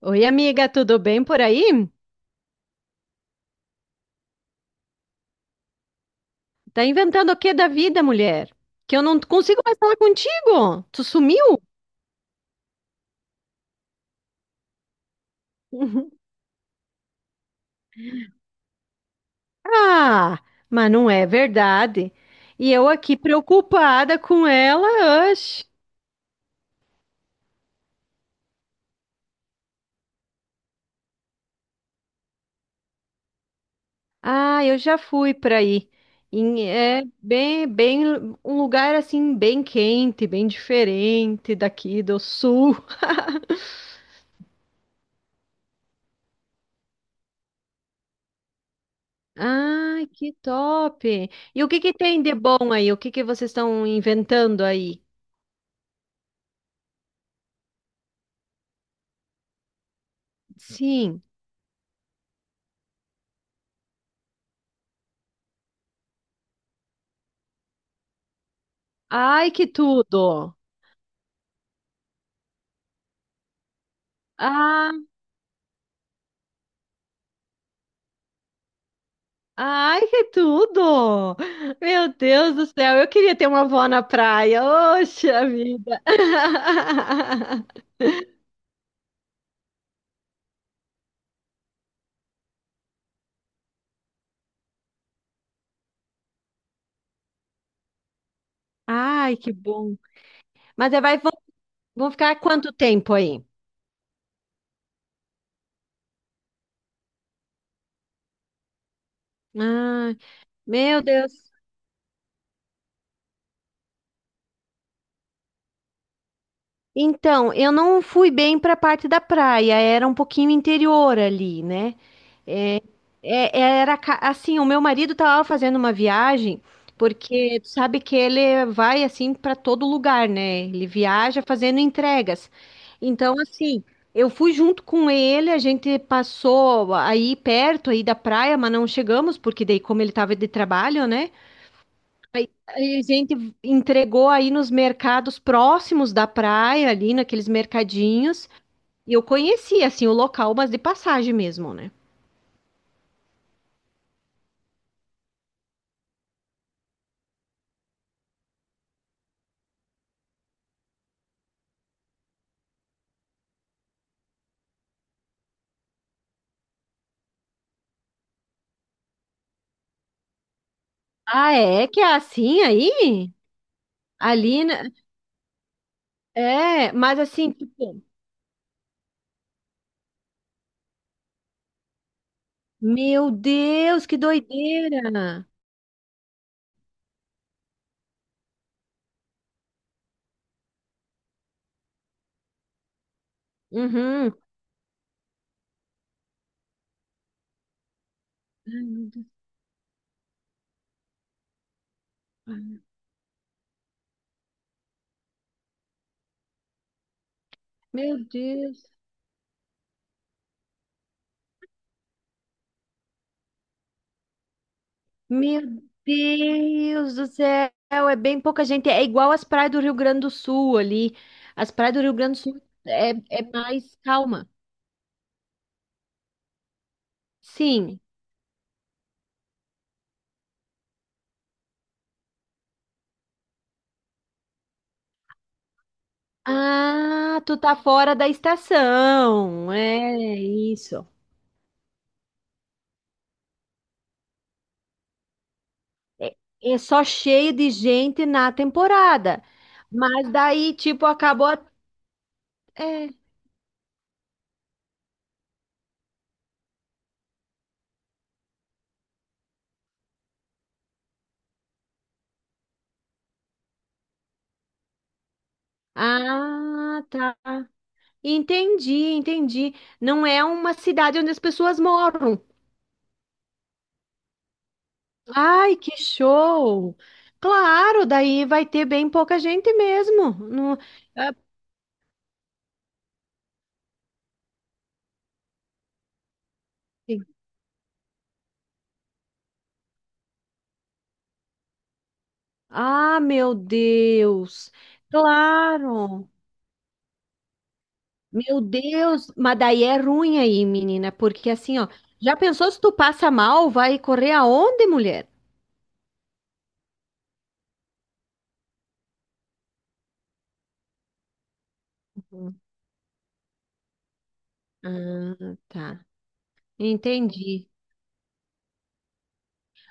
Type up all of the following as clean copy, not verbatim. Oi, amiga, tudo bem por aí? Tá inventando o que da vida, mulher? Que eu não consigo mais falar contigo. Tu sumiu? Uhum. Ah, mas não é verdade. E eu aqui preocupada com ela, oxe. Ah, eu já fui para aí. É bem, um lugar assim bem quente, bem diferente daqui do sul. Ai, que top! E o que que tem de bom aí? O que que vocês estão inventando aí? Sim. Ai, que tudo! Ah, ai, que tudo! Meu Deus do céu, eu queria ter uma avó na praia. Oxa vida! Ai, que bom! Mas aí vão ficar quanto tempo aí? Ah, meu Deus! Então, eu não fui bem para a parte da praia, era um pouquinho interior ali, né? É, assim, o meu marido estava fazendo uma viagem, porque tu sabe que ele vai assim para todo lugar, né? Ele viaja fazendo entregas. Então, assim, eu fui junto com ele, a gente passou aí perto aí da praia, mas não chegamos, porque daí como ele estava de trabalho, né? Aí a gente entregou aí nos mercados próximos da praia, ali naqueles mercadinhos. E eu conhecia assim o local, mas de passagem mesmo, né? Ah, é que é assim aí? Ali, né? É, mas assim, tipo, meu Deus, que doideira! Uhum. Ai, meu Deus. Meu Deus, meu Deus do céu, é bem pouca gente. É igual as praias do Rio Grande do Sul ali. As praias do Rio Grande do Sul é mais calma. Sim. Ah, tu tá fora da estação. É isso. É, é só cheio de gente na temporada. Mas daí, tipo, acabou. É. Ah, tá. Entendi, entendi. Não é uma cidade onde as pessoas moram. Ai, que show! Claro, daí vai ter bem pouca gente mesmo. Não... Ah, meu Deus! Claro! Meu Deus, mas daí é ruim aí, menina, porque assim, ó, já pensou se tu passa mal, vai correr aonde, mulher? Uhum. Ah, tá. Entendi.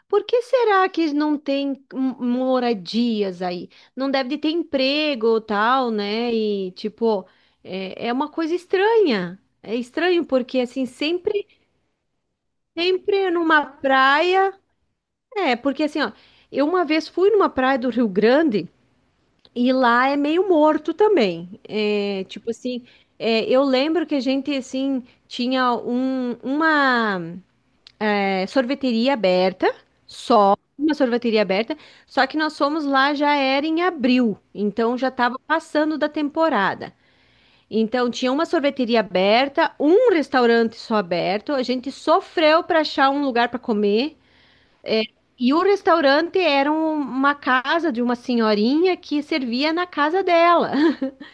Por que será que não tem moradias aí? Não deve de ter emprego ou tal, né? E, tipo, é uma coisa estranha. É estranho porque, assim, sempre numa praia. É, porque, assim, ó, eu uma vez fui numa praia do Rio Grande. E lá é meio morto também. É, tipo assim, é, eu lembro que a gente assim tinha uma sorveteria aberta, só uma sorveteria aberta, só que nós fomos lá já era em abril, então já estava passando da temporada. Então tinha uma sorveteria aberta, um restaurante só aberto. A gente sofreu para achar um lugar para comer. É, e o restaurante era uma casa de uma senhorinha que servia na casa dela.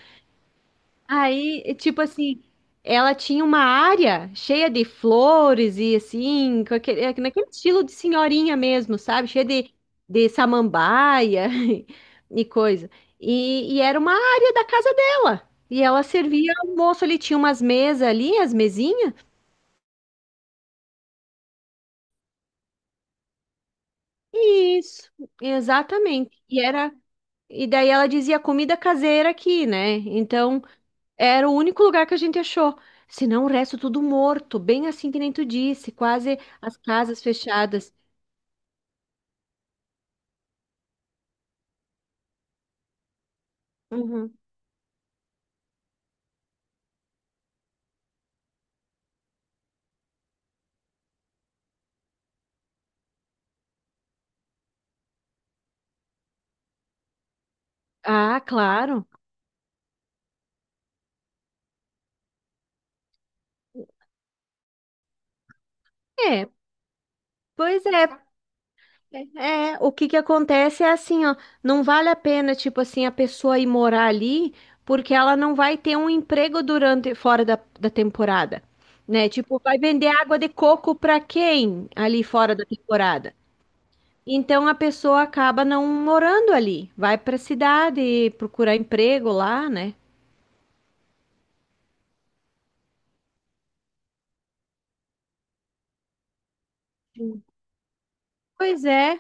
Aí, é tipo assim, ela tinha uma área cheia de flores e assim, com aquele, é, naquele estilo de senhorinha mesmo, sabe? Cheia de samambaia e coisa. E era uma área da casa dela. E ela servia almoço ali, tinha umas mesas ali, as mesinhas. Isso, exatamente. E era. E daí ela dizia comida caseira aqui, né? Então era o único lugar que a gente achou. Senão o resto tudo morto, bem assim que nem tu disse, quase as casas fechadas. Uhum. Ah, claro. É, pois é. É, o que que acontece é assim, ó, não vale a pena, tipo assim, a pessoa ir morar ali, porque ela não vai ter um emprego durante, fora da temporada, né? Tipo, vai vender água de coco pra quem ali fora da temporada? Então a pessoa acaba não morando ali, vai para a cidade procurar emprego lá, né? Pois é,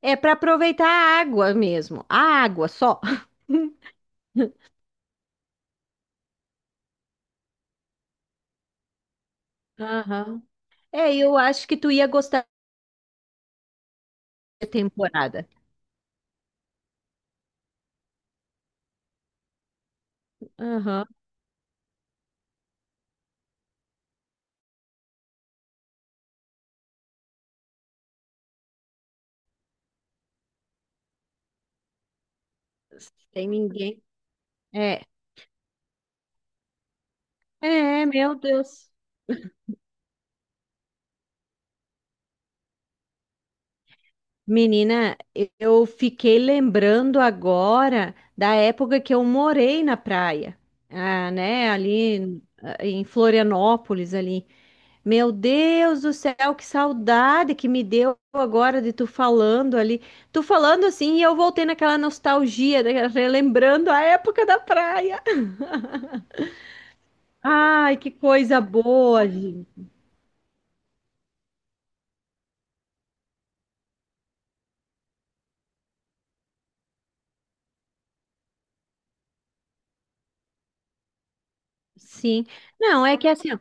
é para aproveitar a água mesmo, a água só. Aham, é, eu acho que tu ia gostar da temporada. Aham. Sem ninguém. É, é, meu Deus. Menina, eu fiquei lembrando agora da época que eu morei na praia, ah, né, ali em em Florianópolis ali. Meu Deus do céu, que saudade que me deu agora de tu falando ali. Tu falando assim e eu voltei naquela nostalgia, né, relembrando a época da praia. Ai, que coisa boa, gente. Sim. Não, é que assim, ó,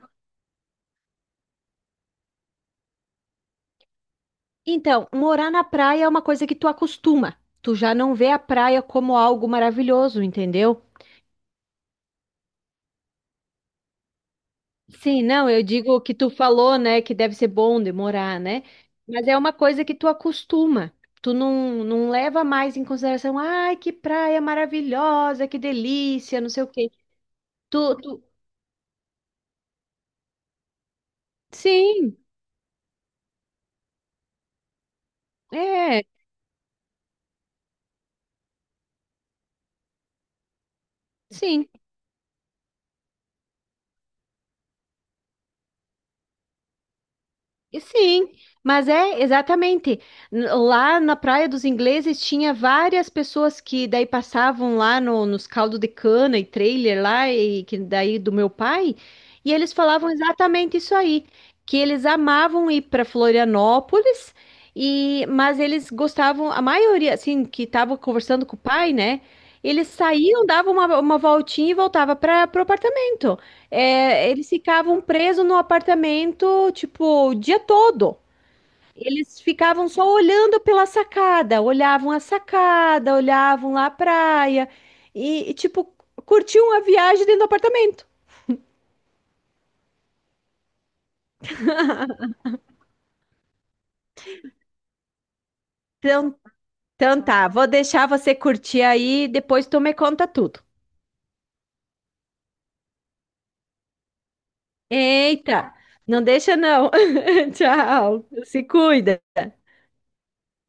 então, morar na praia é uma coisa que tu acostuma. Tu já não vê a praia como algo maravilhoso, entendeu? Sim, não, eu digo que tu falou, né, que deve ser bom demorar, né? Mas é uma coisa que tu acostuma. Tu não, Não leva mais em consideração, ai, que praia maravilhosa, que delícia, não sei o quê. Tu, tu... Sim, é, sim. Sim, mas é exatamente. Lá na Praia dos Ingleses tinha várias pessoas que daí passavam lá no, nos caldos de cana e trailer lá, e que daí do meu pai, e eles falavam exatamente isso aí, que eles amavam ir para Florianópolis, e mas eles gostavam, a maioria, assim, que estava conversando com o pai, né? Eles saíam, davam uma voltinha e voltava para o apartamento. É, eles ficavam presos no apartamento, tipo, o dia todo. Eles ficavam só olhando pela sacada, olhavam a sacada, olhavam lá a praia e, tipo, curtiam a viagem dentro do apartamento. Então, então tá, vou deixar você curtir aí, depois tu me conta tudo. Eita, não deixa não. Tchau, se cuida.